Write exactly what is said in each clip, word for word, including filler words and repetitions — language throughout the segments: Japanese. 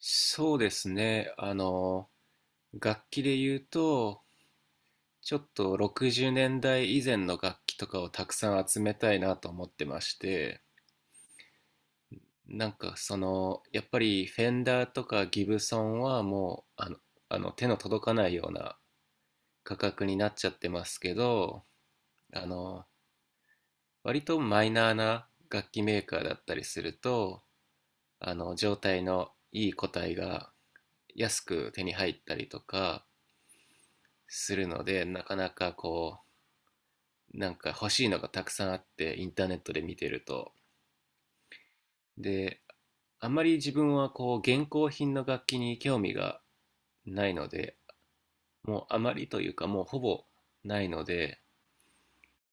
そうですね。あの、楽器で言うと、ちょっとろくじゅうねんだい以前の楽器とかをたくさん集めたいなと思ってまして、なんかその、やっぱりフェンダーとかギブソンはもう、あの、あの手の届かないような価格になっちゃってますけど、あの、割とマイナーな楽器メーカーだったりすると、あの、状態のいい個体が安く手に入ったりとかするので、なかなかこう、なんか欲しいのがたくさんあって、インターネットで見てると。で、あんまり自分はこう、現行品の楽器に興味がないので、もうあまりというか、もうほぼないので、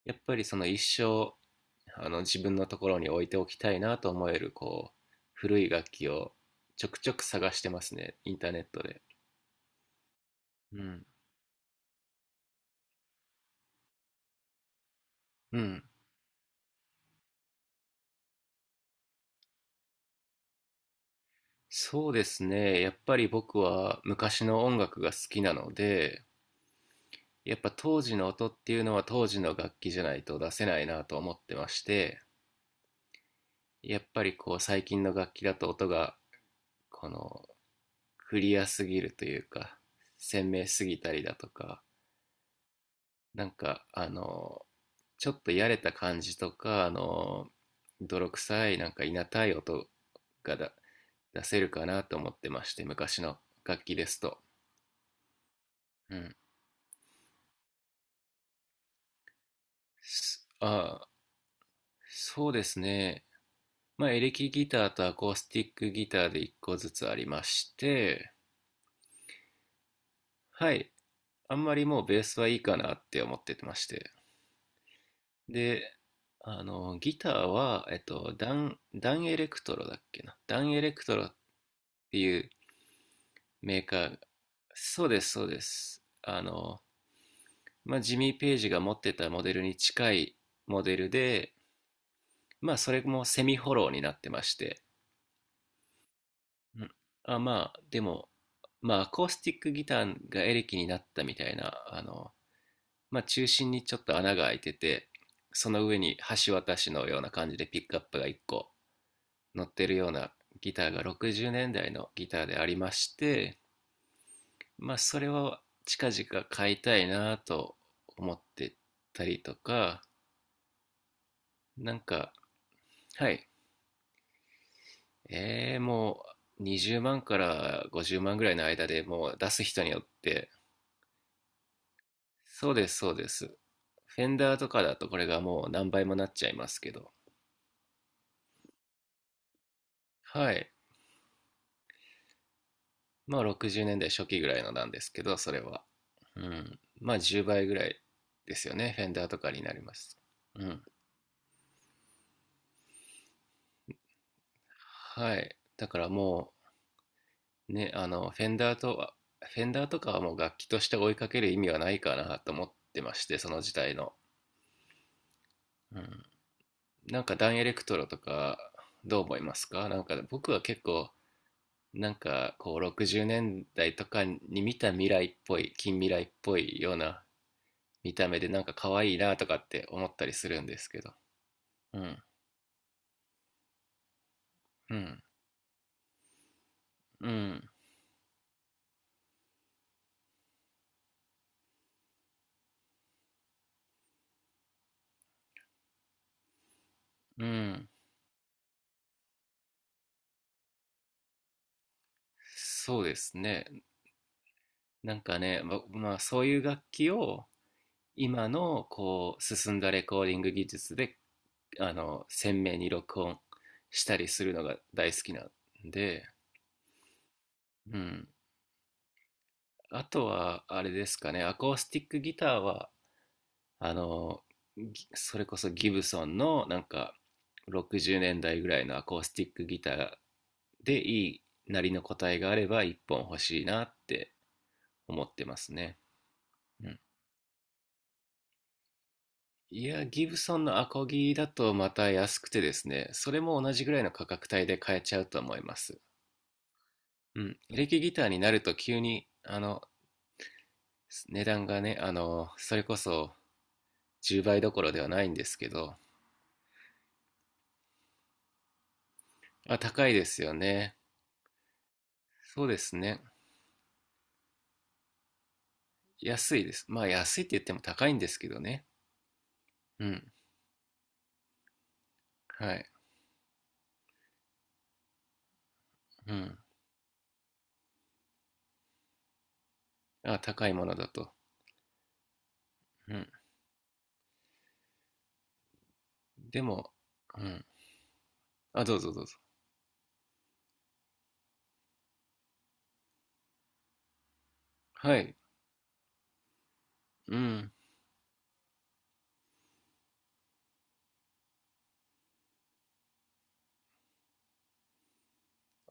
やっぱりその一生、あの自分のところに置いておきたいなと思える、こう、古い楽器をちょくちょく探してますね、インターネットで。うん。うん。そうですね。やっぱり僕は昔の音楽が好きなので、やっぱ当時の音っていうのは当時の楽器じゃないと出せないなと思ってまして、やっぱりこう最近の楽器だと音がこのクリアすぎるというか、鮮明すぎたりだとか、なんかあの、ちょっとやれた感じとか、あの、泥臭いなんかいなたい音がだ出せるかなと思ってまして、昔の楽器ですと。うん。ああ、そうですね。まあ、エレキギターとアコースティックギターでいっこずつありまして、はい。あんまりもうベースはいいかなって思ってまして。で、あの、ギターは、えっと、ダン、ダンエレクトロだっけな。ダンエレクトロっていうメーカー、そうです、そうです。あの、まあ、ジミー・ペイジが持ってたモデルに近いモデルで、まあ、それもセミフォローになってまして、うん。あ、まあ、でも、まあ、アコースティックギターがエレキになったみたいな、あの、まあ、中心にちょっと穴が開いてて、その上に橋渡しのような感じでピックアップがいっこ乗ってるようなギターがろくじゅうねんだいのギターでありまして、まあ、それを近々買いたいなと思ってたりとか、なんか、はい、えー、もうにじゅうまんからごじゅうまんぐらいの間でもう出す人によってそうです、そうです。フェンダーとかだとこれがもう何倍もなっちゃいますけど。はい。まあろくじゅうねんだい初期ぐらいのなんですけど、それは。うん。まあじゅうばいぐらいですよね。フェンダーとかになります。うん。はい。だからもう、ね、あの、フェンダーとは、フェンダーとかはもう楽器として追いかける意味はないかなと思ってまして、その時代の。うん。なんかダンエレクトロとか、どう思いますか？なんか僕は結構なんかこうろくじゅうねんだいとかに見た未来っぽい近未来っぽいような見た目でなんか可愛いなとかって思ったりするんですけど。うん。うん。うん。うん。そうですね。なんかね、ま、まあそういう楽器を今のこう進んだレコーディング技術であの鮮明に録音したりするのが大好きなんで、うん。あとはあれですかね。アコースティックギターはあのそれこそギブソンのなんかろくじゅうねんだいぐらいのアコースティックギターでいいなりの答えがあればいっぽん欲しいなって思ってますね。うん。いや、ギブソンのアコギだとまた安くてですね、それも同じぐらいの価格帯で買えちゃうと思います。うん。エレキギターになると急にあの値段がね、あのそれこそじゅうばいどころではないんですけど。あ、高いですよね。そうですね。安いです。まあ安いって言っても高いんですけどね。うん。はい。うん。あ、高いものだと。うん。でも、うん。あ、どうぞどうぞ。はい。うん。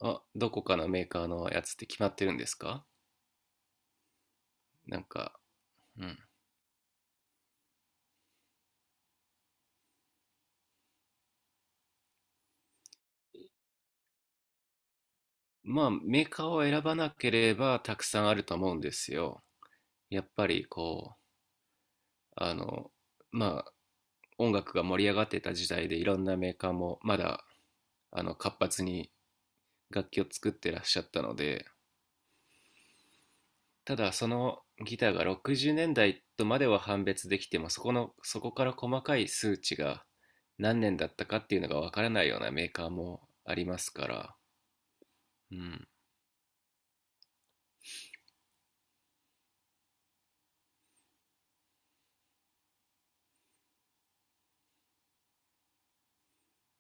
あ、どこかのメーカーのやつって決まってるんですか？なんか、うん。まあメーカーを選ばなければたくさんあると思うんですよ。やっぱりこう、あの、まあ音楽が盛り上がってた時代でいろんなメーカーもまだあの活発に楽器を作ってらっしゃったので、ただそのギターがろくじゅうねんだいとまでは判別できてもそこのそこから細かい数値が何年だったかっていうのがわからないようなメーカーもありますから。うん。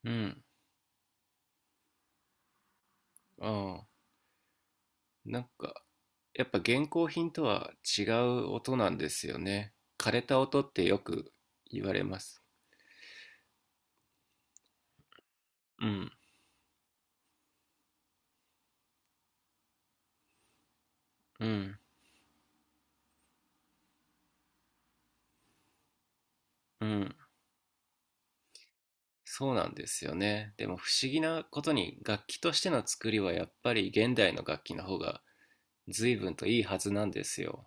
うん。ああ、なんかやっぱ現行品とは違う音なんですよね。枯れた音ってよく言われます。うん。うん。うん。そうなんですよね。でも不思議なことに、楽器としての作りはやっぱり現代の楽器の方が随分といいはずなんですよ。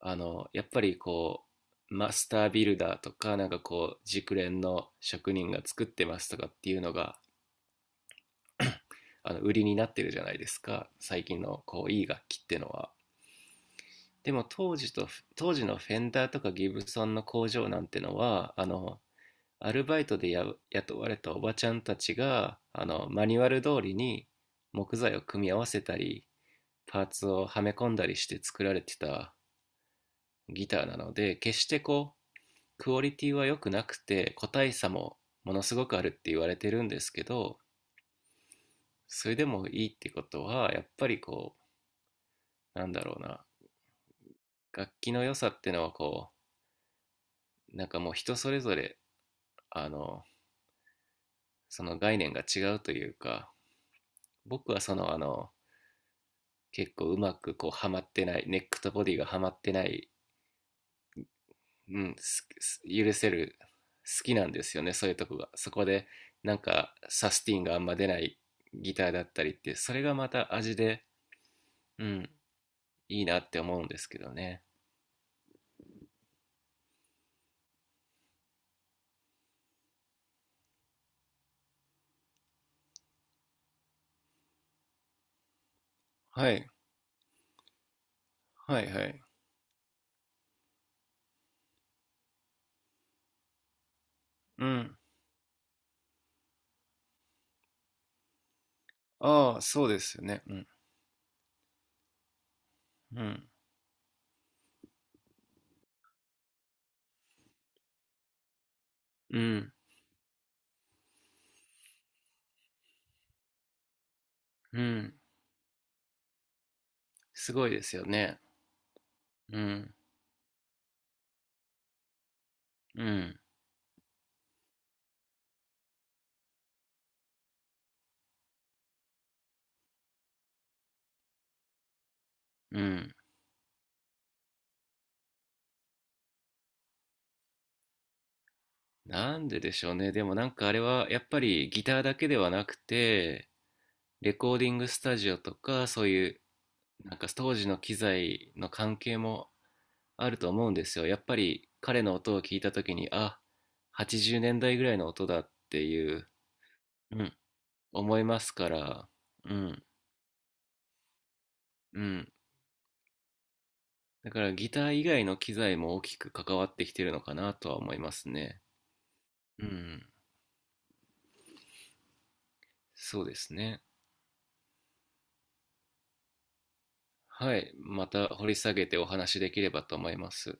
あの、やっぱりこう、マスタービルダーとか、なんかこう、熟練の職人が作ってますとかっていうのが、あの、売りになってるじゃないですか。最近のこう、いい楽器ってのは。でも当時と、当時のフェンダーとかギブソンの工場なんてのは、あの、アルバイトでや雇われたおばちゃんたちが、あの、マニュアル通りに木材を組み合わせたり、パーツをはめ込んだりして作られてたギターなので、決してこうクオリティは良くなくて個体差もものすごくあるって言われてるんですけど、それでもいいってことはやっぱりこうなんだろうな。楽器の良さってのはこうなんかもう人それぞれ、あのその概念が違うというか、僕はそのあの結構うまくこうはまってないネックとボディがはまってない。うん、すす許せる、好きなんですよね、そういうとこが。そこで、なんか、サスティンがあんま出ないギターだったりって、それがまた味で、うん、いいなって思うんですけどね。はい、はい、はい。うん。ああ、そうですよね。うん、うん、うん、うん。すごいですよね。うん、うん、うん。なんででしょうね。でもなんかあれはやっぱりギターだけではなくて、レコーディングスタジオとかそういうなんか当時の機材の関係もあると思うんですよ。やっぱり彼の音を聞いた時に、あ、はちじゅうねんだいぐらいの音だっていう、うん、思いますから、うん、うん。だからギター以外の機材も大きく関わってきてるのかなとは思いますね。うん、そうですね。はい、また掘り下げてお話しできればと思います。